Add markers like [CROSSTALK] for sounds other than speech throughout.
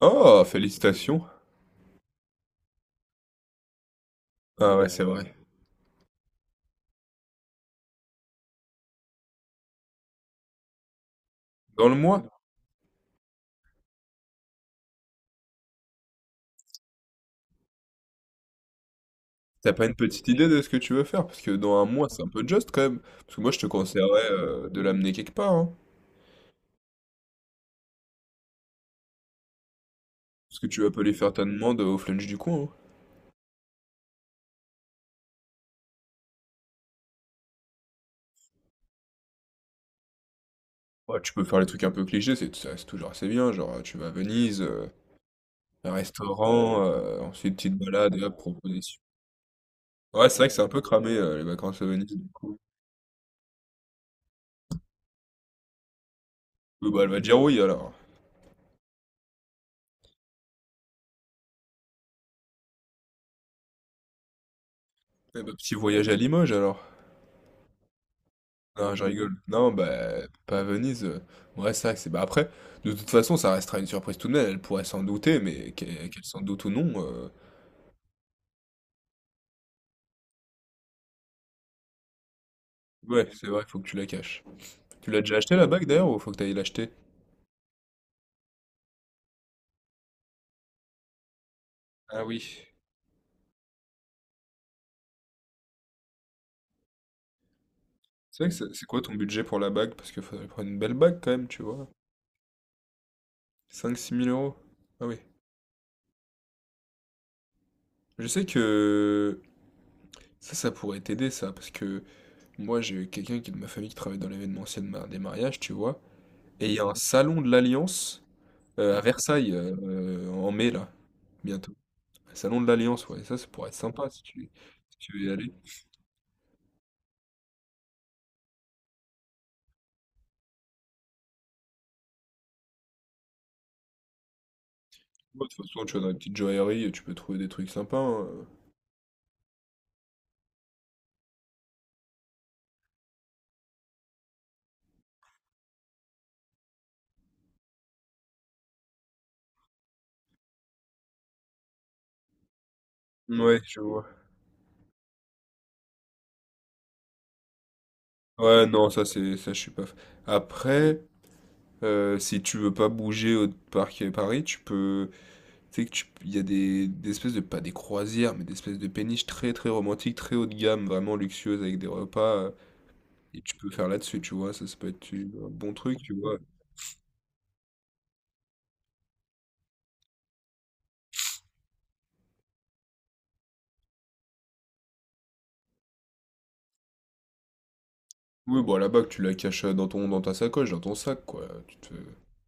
Oh, félicitations. Ah ouais, c'est vrai. Dans le mois, t'as pas une petite idée de ce que tu veux faire? Parce que dans un mois, c'est un peu juste quand même. Parce que moi, je te conseillerais de l'amener quelque part, hein. Parce que tu vas pas aller faire ta demande au flunch du coin, hein. Ouais, tu peux faire les trucs un peu clichés, c'est ça reste toujours assez bien. Genre, tu vas à Venise, un restaurant, ensuite petite balade, et hop, proposition. Ouais, c'est vrai que c'est un peu cramé, les vacances à Venise, du coup. Oui, bah, elle va dire oui, alors. Eh bah, petit voyage à Limoges, alors. Non, je rigole. Non, bah, pas à Venise, ouais, c'est vrai que c'est bah, après, de toute façon, ça restera une surprise tout de même, elle pourrait s'en douter, mais qu'elle s'en doute ou non, ouais, c'est vrai, faut que tu la caches. Tu l'as déjà acheté la bague d'ailleurs ou faut que tu ailles l'acheter? Ah oui. C'est vrai que c'est quoi ton budget pour la bague? Parce qu'il faudrait prendre une belle bague quand même, tu vois? Cinq, six mille euros. Ah oui. Je sais que ça pourrait t'aider ça, parce que moi, j'ai quelqu'un qui est de ma famille qui travaille dans l'événementiel de ma des mariages, tu vois? Et il y a un salon de l'Alliance, à Versailles, en mai, là, bientôt. Le Salon de l'Alliance, ouais, ça pourrait être sympa si tu veux y aller. Ouais, de toute façon, tu vas dans les petites joailleries, tu peux trouver des trucs sympas, hein. Ouais, je vois. Ouais, non, ça, c'est, ça, je suis pas. Après, si tu veux pas bouger au parc à Paris, tu peux. Tu sais que tu, il y a des espèces de, pas des croisières, mais des espèces de péniches très, très romantiques, très haut de gamme, vraiment luxueuses, avec des repas. Et tu peux faire là-dessus, tu vois, ça peut être un bon truc, tu vois. Oui, bon, à la bac, tu la caches dans ton, dans ta sacoche, dans ton sac, quoi. Tu te,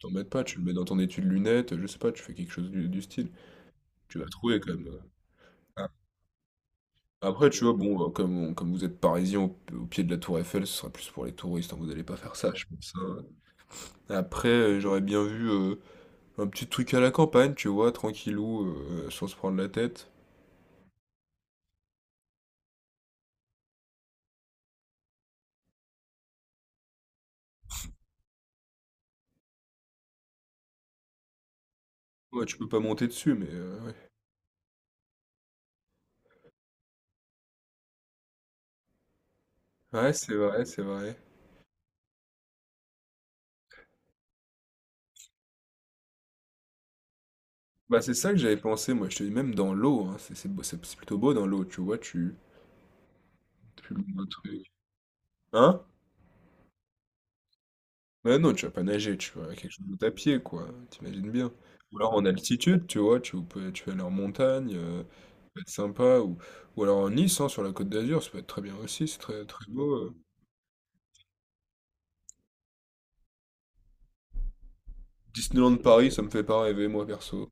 t'en mets pas, tu le mets dans ton étui de lunettes, je sais pas, tu fais quelque chose du style. Tu vas trouver quand même. Ah. Après, tu vois, bon, comme, comme vous êtes parisien au pied de la tour Eiffel, ce sera plus pour les touristes, hein, vous allez pas faire ça, je pense, hein. Après, j'aurais bien vu un petit truc à la campagne, tu vois, tranquillou, sans se prendre la tête. Ouais, tu peux pas monter dessus, mais ouais. Ouais, c'est vrai, c'est vrai. Bah, c'est ça que j'avais pensé, moi, je te dis, même dans l'eau, hein, c'est plutôt beau dans l'eau, tu vois, tu. Plus loin, un truc. Hein? Ouais, non, tu vas pas nager, tu vas à quelque chose de à pied, quoi. T'imagines bien. Ou alors en altitude, tu vois, tu peux, tu vas aller en montagne, ça peut être sympa. Ou alors en Nice, hein, sur la Côte d'Azur, ça peut être très bien aussi, c'est très, très beau. Disneyland Paris, ça me fait pas rêver, moi, perso.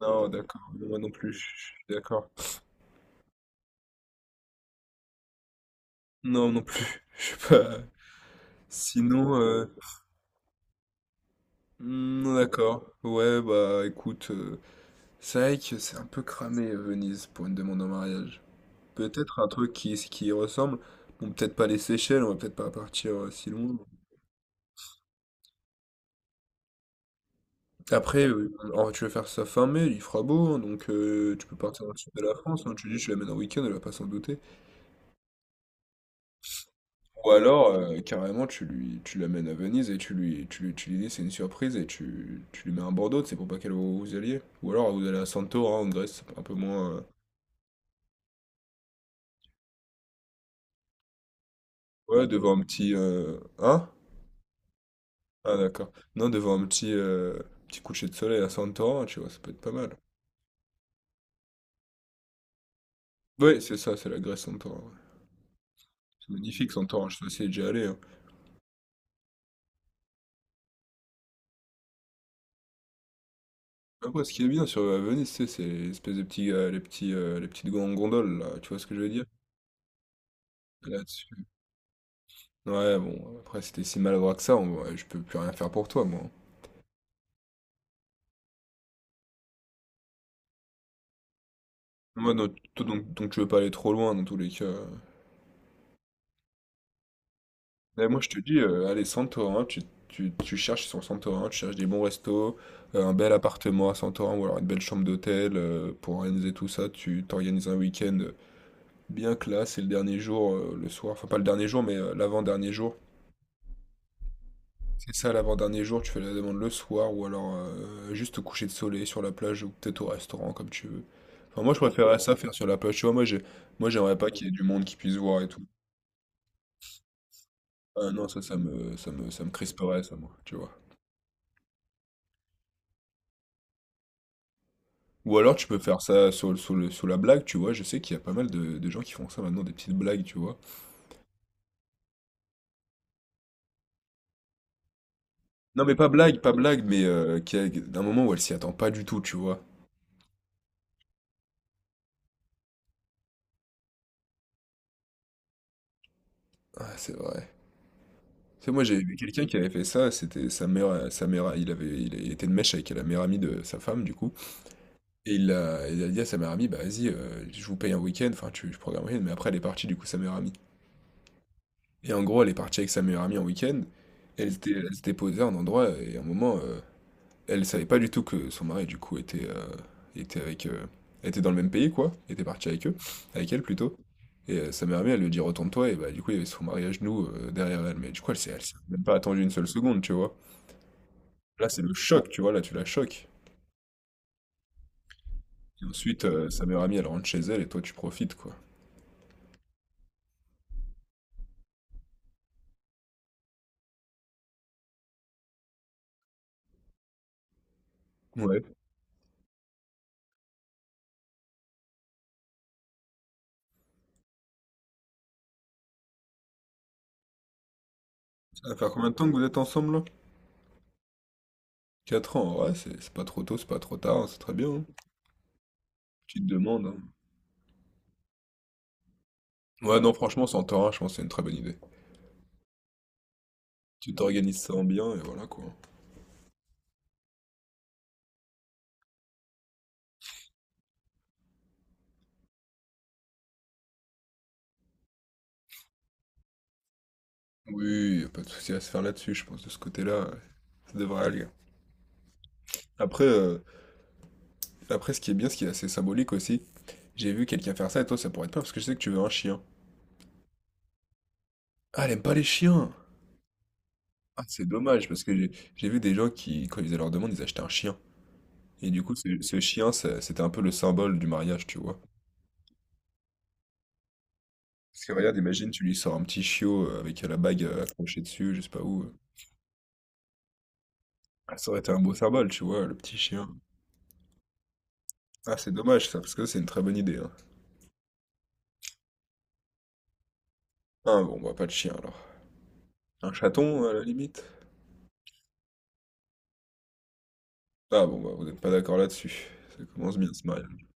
Non, d'accord, moi non plus, je suis d'accord. Non, non plus, [LAUGHS] je sais pas. Sinon, d'accord. Ouais, bah écoute, c'est vrai que c'est un peu cramé, Venise, pour une demande en mariage. Peut-être un truc qui y ressemble. Bon, peut-être pas les Seychelles, on va peut-être pas partir si loin. Après, alors, tu vas faire ça fin mai, il fera beau, hein, donc tu peux partir dans le sud de la France, hein. Tu lui dis, je l'amène en week-end, elle va pas s'en douter. Ou alors, carrément, tu l'amènes à Venise et tu lui dis, c'est une surprise et tu lui mets un Bordeaux, c'est pour pas qu'elle voie où vous alliez. Ou alors, vous allez à Santorin en Grèce, un peu moins. Ouais, devant un petit. Hein? Ah, d'accord. Non, devant un petit coucher de soleil à Santorin, tu vois, ça peut être pas mal. Ouais, c'est ça, c'est la Grèce Centaure, ouais. C'est magnifique Santorin, hein, je suis aussi déjà allé, hein. Après, ce qui est bien sur Venise, tu sais, c'est l'espèce de les petites gondoles, là, tu vois ce que je veux dire? Là-dessus. Ouais, bon, après, si t'es si maladroit que ça, ouais, je peux plus rien faire pour toi, moi. Moi, non, donc, tu veux pas aller trop loin, dans tous les cas. Mais moi, je te dis, allez, Santorin, tu cherches sur Santorin, tu cherches des bons restos, un bel appartement à Santorin, ou alors une belle chambre d'hôtel, pour organiser tout ça, tu t'organises un week-end. Bien que là, c'est le dernier jour, le soir. Enfin, pas le dernier jour, mais l'avant-dernier jour. C'est ça, l'avant-dernier jour, tu fais la demande le soir ou alors juste au coucher de soleil sur la plage ou peut-être au restaurant, comme tu veux. Enfin, moi, je préférerais ça faire sur la plage. Tu vois, moi, j'ai... Moi, j'aimerais pas qu'il y ait du monde qui puisse voir et tout. Ah non, ça, ça me crisperait, ça, moi, tu vois. Ou alors, tu peux faire ça sur la blague, tu vois. Je sais qu'il y a pas mal de gens qui font ça maintenant, des petites blagues, tu vois. Non, mais pas blague, pas blague, mais d'un moment où elle s'y attend pas du tout, tu vois. Ah, c'est vrai. Tu sais, moi, j'ai vu quelqu'un qui avait fait ça, c'était sa mère, il était de mèche avec la meilleure amie de sa femme, du coup, et il a dit à sa meilleure amie, bah vas-y, je vous paye un week-end, enfin, je programme un week-end, mais après, elle est partie, du coup, sa meilleure amie. Et en gros, elle est partie avec sa meilleure amie en week-end, elle s'était posée à un endroit, et à un moment, elle savait pas du tout que son mari, du coup, était était dans le même pays, quoi, était parti avec eux, avec elle, plutôt. Et sa meilleure amie, elle lui dit, retourne-toi, et bah, du coup, il y avait son mari à genoux derrière elle, mais du coup, elle s'est même pas attendue une seule seconde, tu vois. Là, c'est le choc, tu vois, là, tu la choques. Et ensuite, sa meilleure amie, elle rentre chez elle et toi, tu profites, quoi. Ouais. Ça va faire combien de temps que vous êtes ensemble, là? 4 ans, ouais, c'est pas trop tôt, c'est pas trop tard, hein, c'est très bien, hein. Tu te demandes, hein. Ouais, non, franchement, sans tort, hein, je pense que c'est une très bonne idée. Tu t'organises ça en bien, et voilà, quoi. Oui, y a pas de souci à se faire là-dessus, je pense, de ce côté-là, ouais, ça devrait aller. Après, euh, après, ce qui est bien, ce qui est assez symbolique aussi, j'ai vu quelqu'un faire ça, et toi, ça pourrait être pas, parce que je sais que tu veux un chien. Ah, elle aime pas les chiens! Ah, c'est dommage parce que j'ai vu des gens qui, quand ils faisaient leur demande, ils achetaient un chien. Et du coup, ce chien, c'était un peu le symbole du mariage, tu vois. Parce que regarde, imagine, tu lui sors un petit chiot avec la bague accrochée dessus, je sais pas où. Ah, ça aurait été un beau symbole, tu vois, le petit chien. Ah, c'est dommage ça, parce que c'est une très bonne idée, hein. Ah bon, bah pas de chien alors. Un chaton, à la limite? Ah bon, bah vous n'êtes pas d'accord là-dessus. Ça commence bien ce mariage.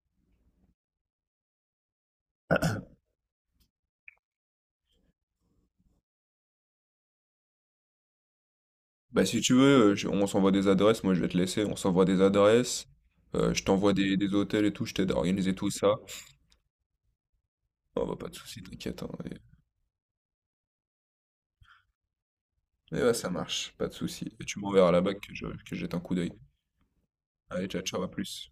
Bah si tu veux, on s'envoie des adresses, moi je vais te laisser, on s'envoie des adresses. Je t'envoie des hôtels et tout, je t'aide à organiser tout ça. Oh bah pas de soucis t'inquiète, hein, et ouais, ça marche, pas de souci. Et tu m'enverras la bague que je que jette un coup d'œil. Allez, ciao, ciao, à plus.